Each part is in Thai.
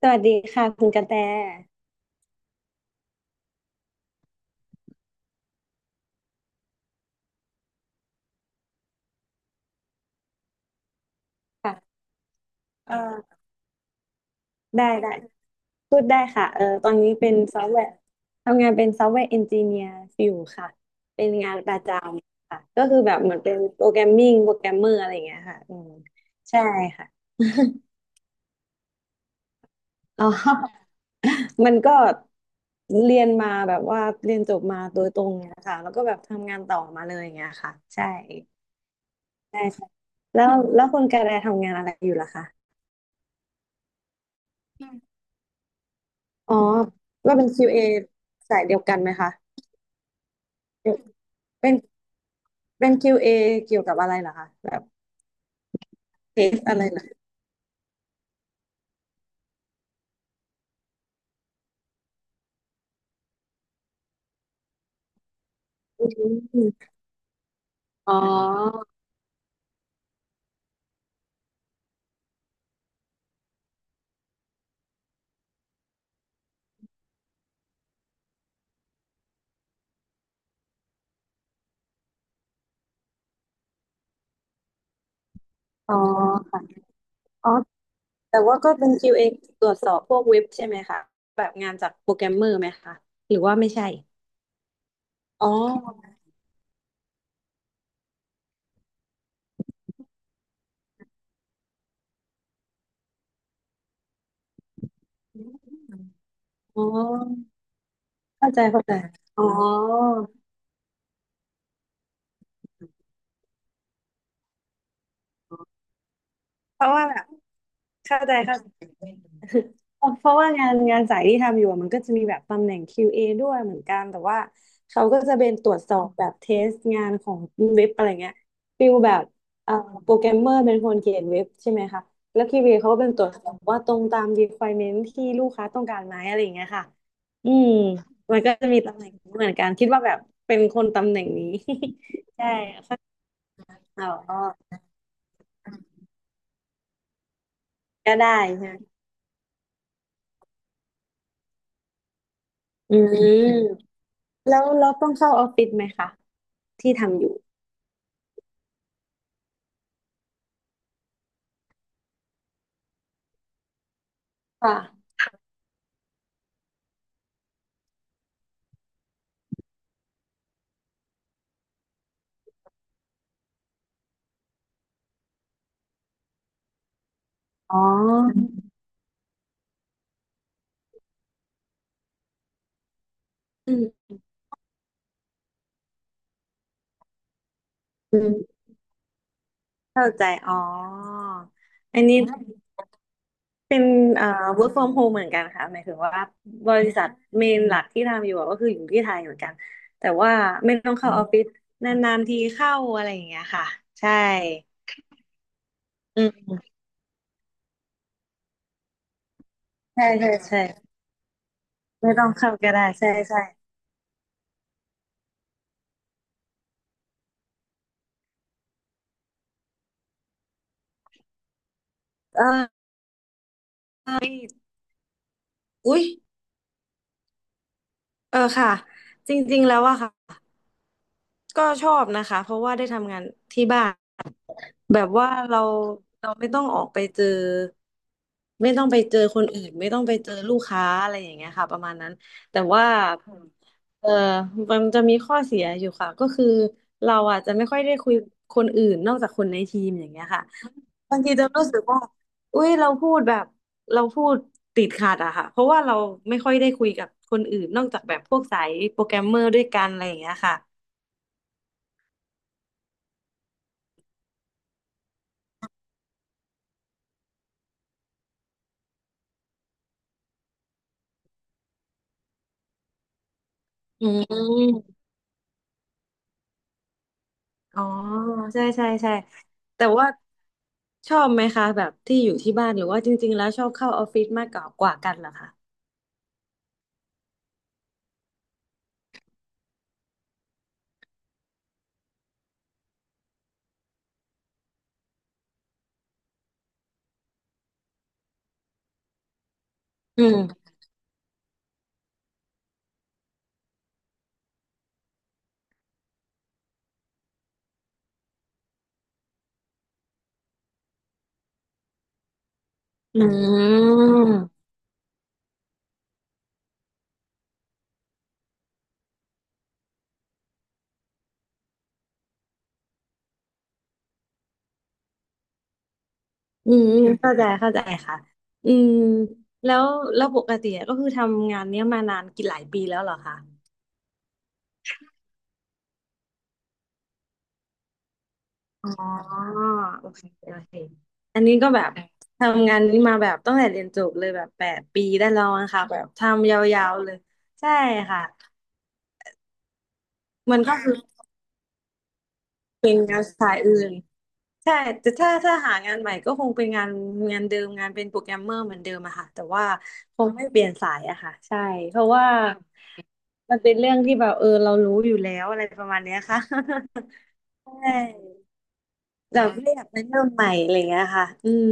สวัสดีค่ะคุณกระแตค่ะเออได้ได้พูดได้ค่ะเออตอนนี้เป็นซอฟต์แวร์ทำงานเป็นซอฟต์แวร์เอนจิเนียร์อยู่ค่ะเป็นงานประจำค่ะก็คือแบบเหมือนเป็นโปรแกรมมิ่งโปรแกรมเมอร์อะไรอย่างเงี้ยค่ะอืมใช่ค่ะ อ๋อ มันก็เรียนมาแบบว่าเรียนจบมาโดยตรงเนี่ยค่ะแล้วก็แบบทำงานต่อมาเลยอย่างเงี้ยค่ะใช่ใช่ใช่แล้วคุณกระแตทำงานอะไรอยู่ล่ะคะ อ๋อเราเป็น QA สายเดียวกันไหมคะเดี๋ยวเป็นเป็น QA เอเกี่ยวกับอะไรเหรอคะ แบบเทสอะไรเหรออืมอ๋ออ๋อค่ะอ๋อ แต่ว่าก็เป็น QA ตรวจสอบพวกเว็บใช่ไหมคะ แบบงานจากโปรแกรมเมอร์ไหมคะ หรือว่าไม่ใช่ อ๋อ อ๋อเข้าใจเข้าใจ อ๋อ เพราะว่าแบบเข้าใจเข้าใจ เพราะว่างานงานสายที่ทำอยู่อะมันก็จะมีแบบตำแหน่ง QA ด้วยเหมือนกันแต่ว่าเขาก็จะเป็นตรวจสอบแบบเทสงานของเว็บอะไรเงี้ยฟิลแบบเอ่อโปรแกรมเมอร์เป็นคนเขียนเว็บใช่ไหมคะแล้ว QA เอเขาก็เป็นตรวจสอบว่าตรงตาม requirement ที่ลูกค้าต้องการไหมอะไรอย่างเงี้ยค่ะอืมมันก็จะมีตำแหน่งนี้เหมือนกันคิดว่าแบบเป็นคนตำแหน่งนี้ ใช่ค่ะอ๋อก็ได้ใช่ไหมอืมแล้วเราต้องเข้าออฟฟิศไหมคะที่ทำอยู่ค่ะ อ๋ออืมอืมเข้าใจอ๋ออันนี้เป็นเอ่อ work from home เหมือนกันค่ะหมายถึงว่าบริษัทเมนหลักที่ทำอยู่อะก็คืออยู่ที่ไทยเหมือนกันแต่ว่าไม่ต้องเข้าออฟฟิศนานๆทีเข้าอะไรอย่างเงี้ยค่ะใช่อืมใช่ใช่ใช่ไม่ต้องเข้าก็ได้ใช่ใช่เออเอ้ยอุ๊ยเออค่ะจริงๆแล้วอะค่ะก็ชอบนะคะเพราะว่าได้ทำงานที่บ้าน แบบว่าเราเราไม่ต้องออกไปเจอไม่ต้องไปเจอคนอื่นไม่ต้องไปเจอลูกค้าอะไรอย่างเงี้ยค่ะประมาณนั้นแต่ว่าเออมันจะมีข้อเสียอยู่ค่ะก็คือเราอาจจะไม่ค่อยได้คุยคนอื่นนอกจากคนในทีมอย่างเงี้ยค่ะบางทีจะรู้สึกว่าอุ้ยเราพูดแบบเราพูดติดขัดอะค่ะเพราะว่าเราไม่ค่อยได้คุยกับคนอื่นนอกจากแบบพวกสายโปรแกรมเมอร์ด้วยกันอะไรอย่างเงี้ยค่ะอืม อ๋อใช่ใช่ใช่แต่ว่าชอบไหมคะแบบที่อยู่ที่บ้านหรือว่าจริงๆแล้วชอบเข้าออฟฟิศมากกว่ากันเหรอคะอืมอืมอืมเข้าใจเข้าใจค่ะอืมแล้วแล้วปกติก็คือทำงานเนี้ยมานานกี่หลายปีแล้วเหรอคะอ๋อโอเคโอเคอันนี้ก็แบบทำงานนี้มาแบบตั้งแต่เรียนจบเลยแบบ8 ปีได้แล้วนะคะแบบทำยาวๆเลยใช่ค่ะมันก็คือเป็นงานสายอื่น ใช่แต่ถ้าถ้าหางานใหม่ก็คงเป็นงานเดิมงานเป็นโปรแกรมเมอร์เหมือนเดิมอะค่ะแต่ว่าคงไม่เปลี่ยนสายอะค่ะใช่เพราะว่ามันเป็นเรื่องที่แบบเออเรารู้อยู่แล้วอะไรประมาณเนี้ยค่ะ ใช่แบบไม่อยากไปเริ่มใหม่อะไรเงี้ยค่ะอืม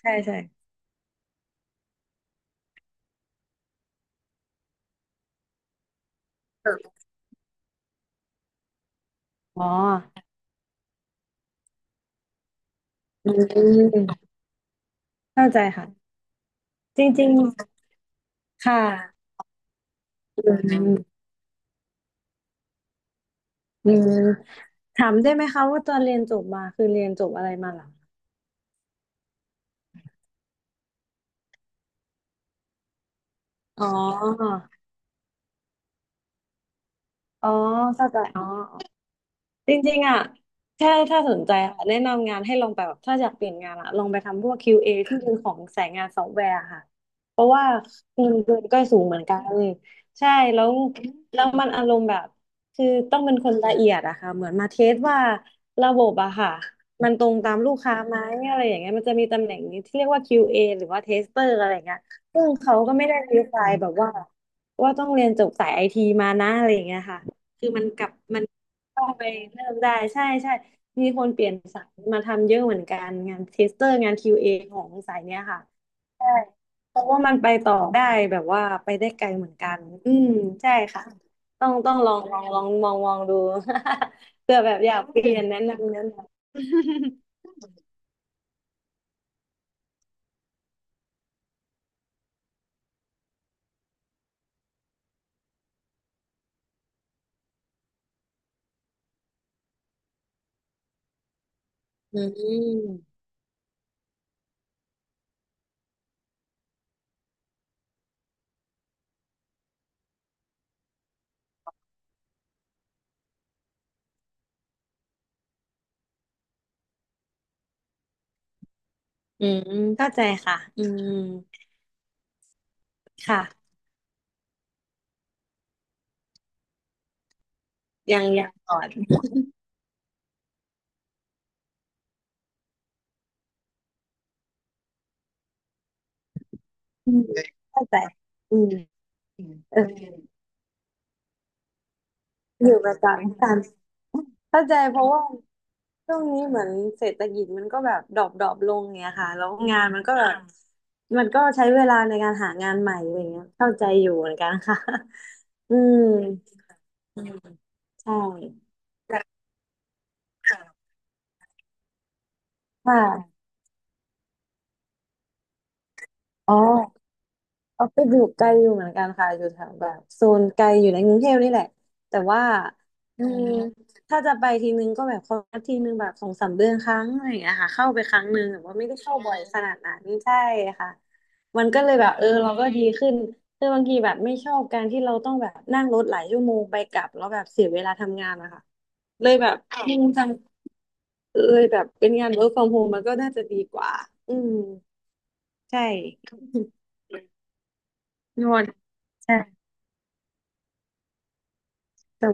ใช่ใช่อ๋ออืมเข้าใจค่ะจริงๆค่ะอืมอืมถามได้ไหมคะว่าตอนเรียนจบมาคือเรียนจบอะไรมาเหรออ๋ออ๋อเข้าใจอ๋อ จริงๆอ่ะแค่ถ้าสนใจค่ะแนะนำงานให้ลองไปแบบถ้าอยากเปลี่ยนงานอ่ะ ลองไปทำพวก QA ที่เป็นของสายงานซอฟต์แวร์ค่ะ เพราะว่าเงินเดือนก็สูงเหมือนกันใช่แล้วแล้วมันอารมณ์แบบ คือต้องเป็นคนละเอียดอะค่ะเหมือนมาเทสว่าระบบอะค่ะ มันตรงตามลูกค้าไหมอะไรอย่างเงี้ยมันจะมีตำแหน่งนี้ที่เรียกว่า QA หรือว่าเทสเตอร์อะไรอย่างเงี้ยซึ่งเขาก็ไม่ได้รีไฟแบบว่าว่าต้องเรียนจบสายไอทีมานะอะไรอย่างเงี้ยค่ะคือมันกลับมัน ต้องไปเริ่มได้ใช่ใช่มีคนเปลี่ยนสายมาทำเยอะเหมือนกันงานเทสเตอร์งานคิวเอของสายเนี้ยค่ะใช่เพราะว่ามันไปต่อได้แบบว่าไปได้ไกลเหมือนกันอืมใช่ค่ะต้องลองมองดู เผื่อแบบอยากเปลี่ยนแนะนำแนะนำอืมอืมเข้าใจค่ะอืมค่ะยังยังก่อนอืมเข้าใจอืมเออ อยู่ประจำกันเข้าใจเพราะว่าช่วงนี้เหมือนเศรษฐกิจมันก็แบบดรอปดรอปลงเงี้ยค่ะแล้วงานมันก็แบบมันก็ใช้เวลาในการหางานใหม่อะไรเงี้ยเข้าใจอยู่เหมือนกันค่ะ อืมอืมใช่ค่ะอ๋อ ออฟฟิศอยู่ไกลอยู่เหมือนกันค่ะอยู่แถวแบบโซนไกลอยู่ในกรุงเทพนี่แหละแต่ว่าอือืมมถ้าจะไปทีนึงก็แบบครั้งทีนึงแบบสองสามเดือนครั้งอะไรอย่างเงี้ยค่ะเข้าไปครั้งนึงแต่ว่าไม่ได้เข้าบ่อยขนาดนั้นใช่ค่ะมันก็เลยแบบเออเราก็ดีขึ้นคือบางทีแบบไม่ชอบการที่เราต้องแบบนั่งรถหลายชั่วโมงไปกลับแล้วแบบเสียเวลาทำงานนะคะเลยแบบอืมจังเลยแบบเป็นงาน work from home มันก็น่าจะดีกว่าอืมใช่นวด แต่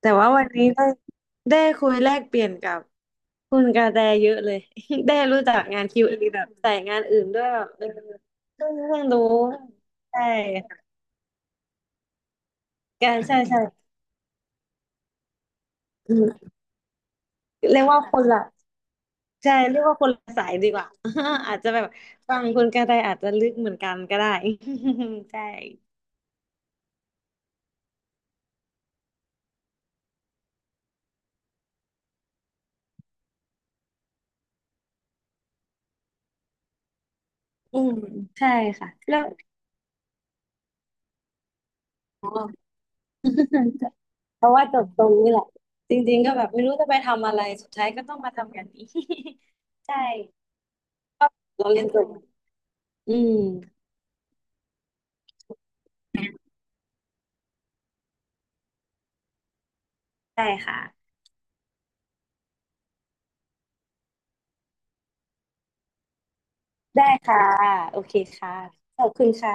แต่ว่าวันนี้ได้ได้คุยแลกเปลี่ยนกับคุณกาแตเยอะเลย ได้รู้จักงาน QA แบบสายงานอื่นด้วยแบบเออเพิ่งรู้ใช่ใช่ใช่ใช่อืมเรียกว่าคนละใช่เรียกว่าคนละสายดีกว่า อาจจะแบบฟังคุณกาแตอาจจะลึกเหมือนกันก็ได้ ใช่อืมใช่ค่ะแล้วอ๋อ เพราะว่าจบตรงนี้แหละจริงๆก็แบบไม่รู้จะไปทำอะไรสุดท้ายก็ต้องมาทำงานนี้ ใช่ เราเรียนตัวอืมได้ค่ะได้ค่ะโอเคค่ะขอบคุณค่ะ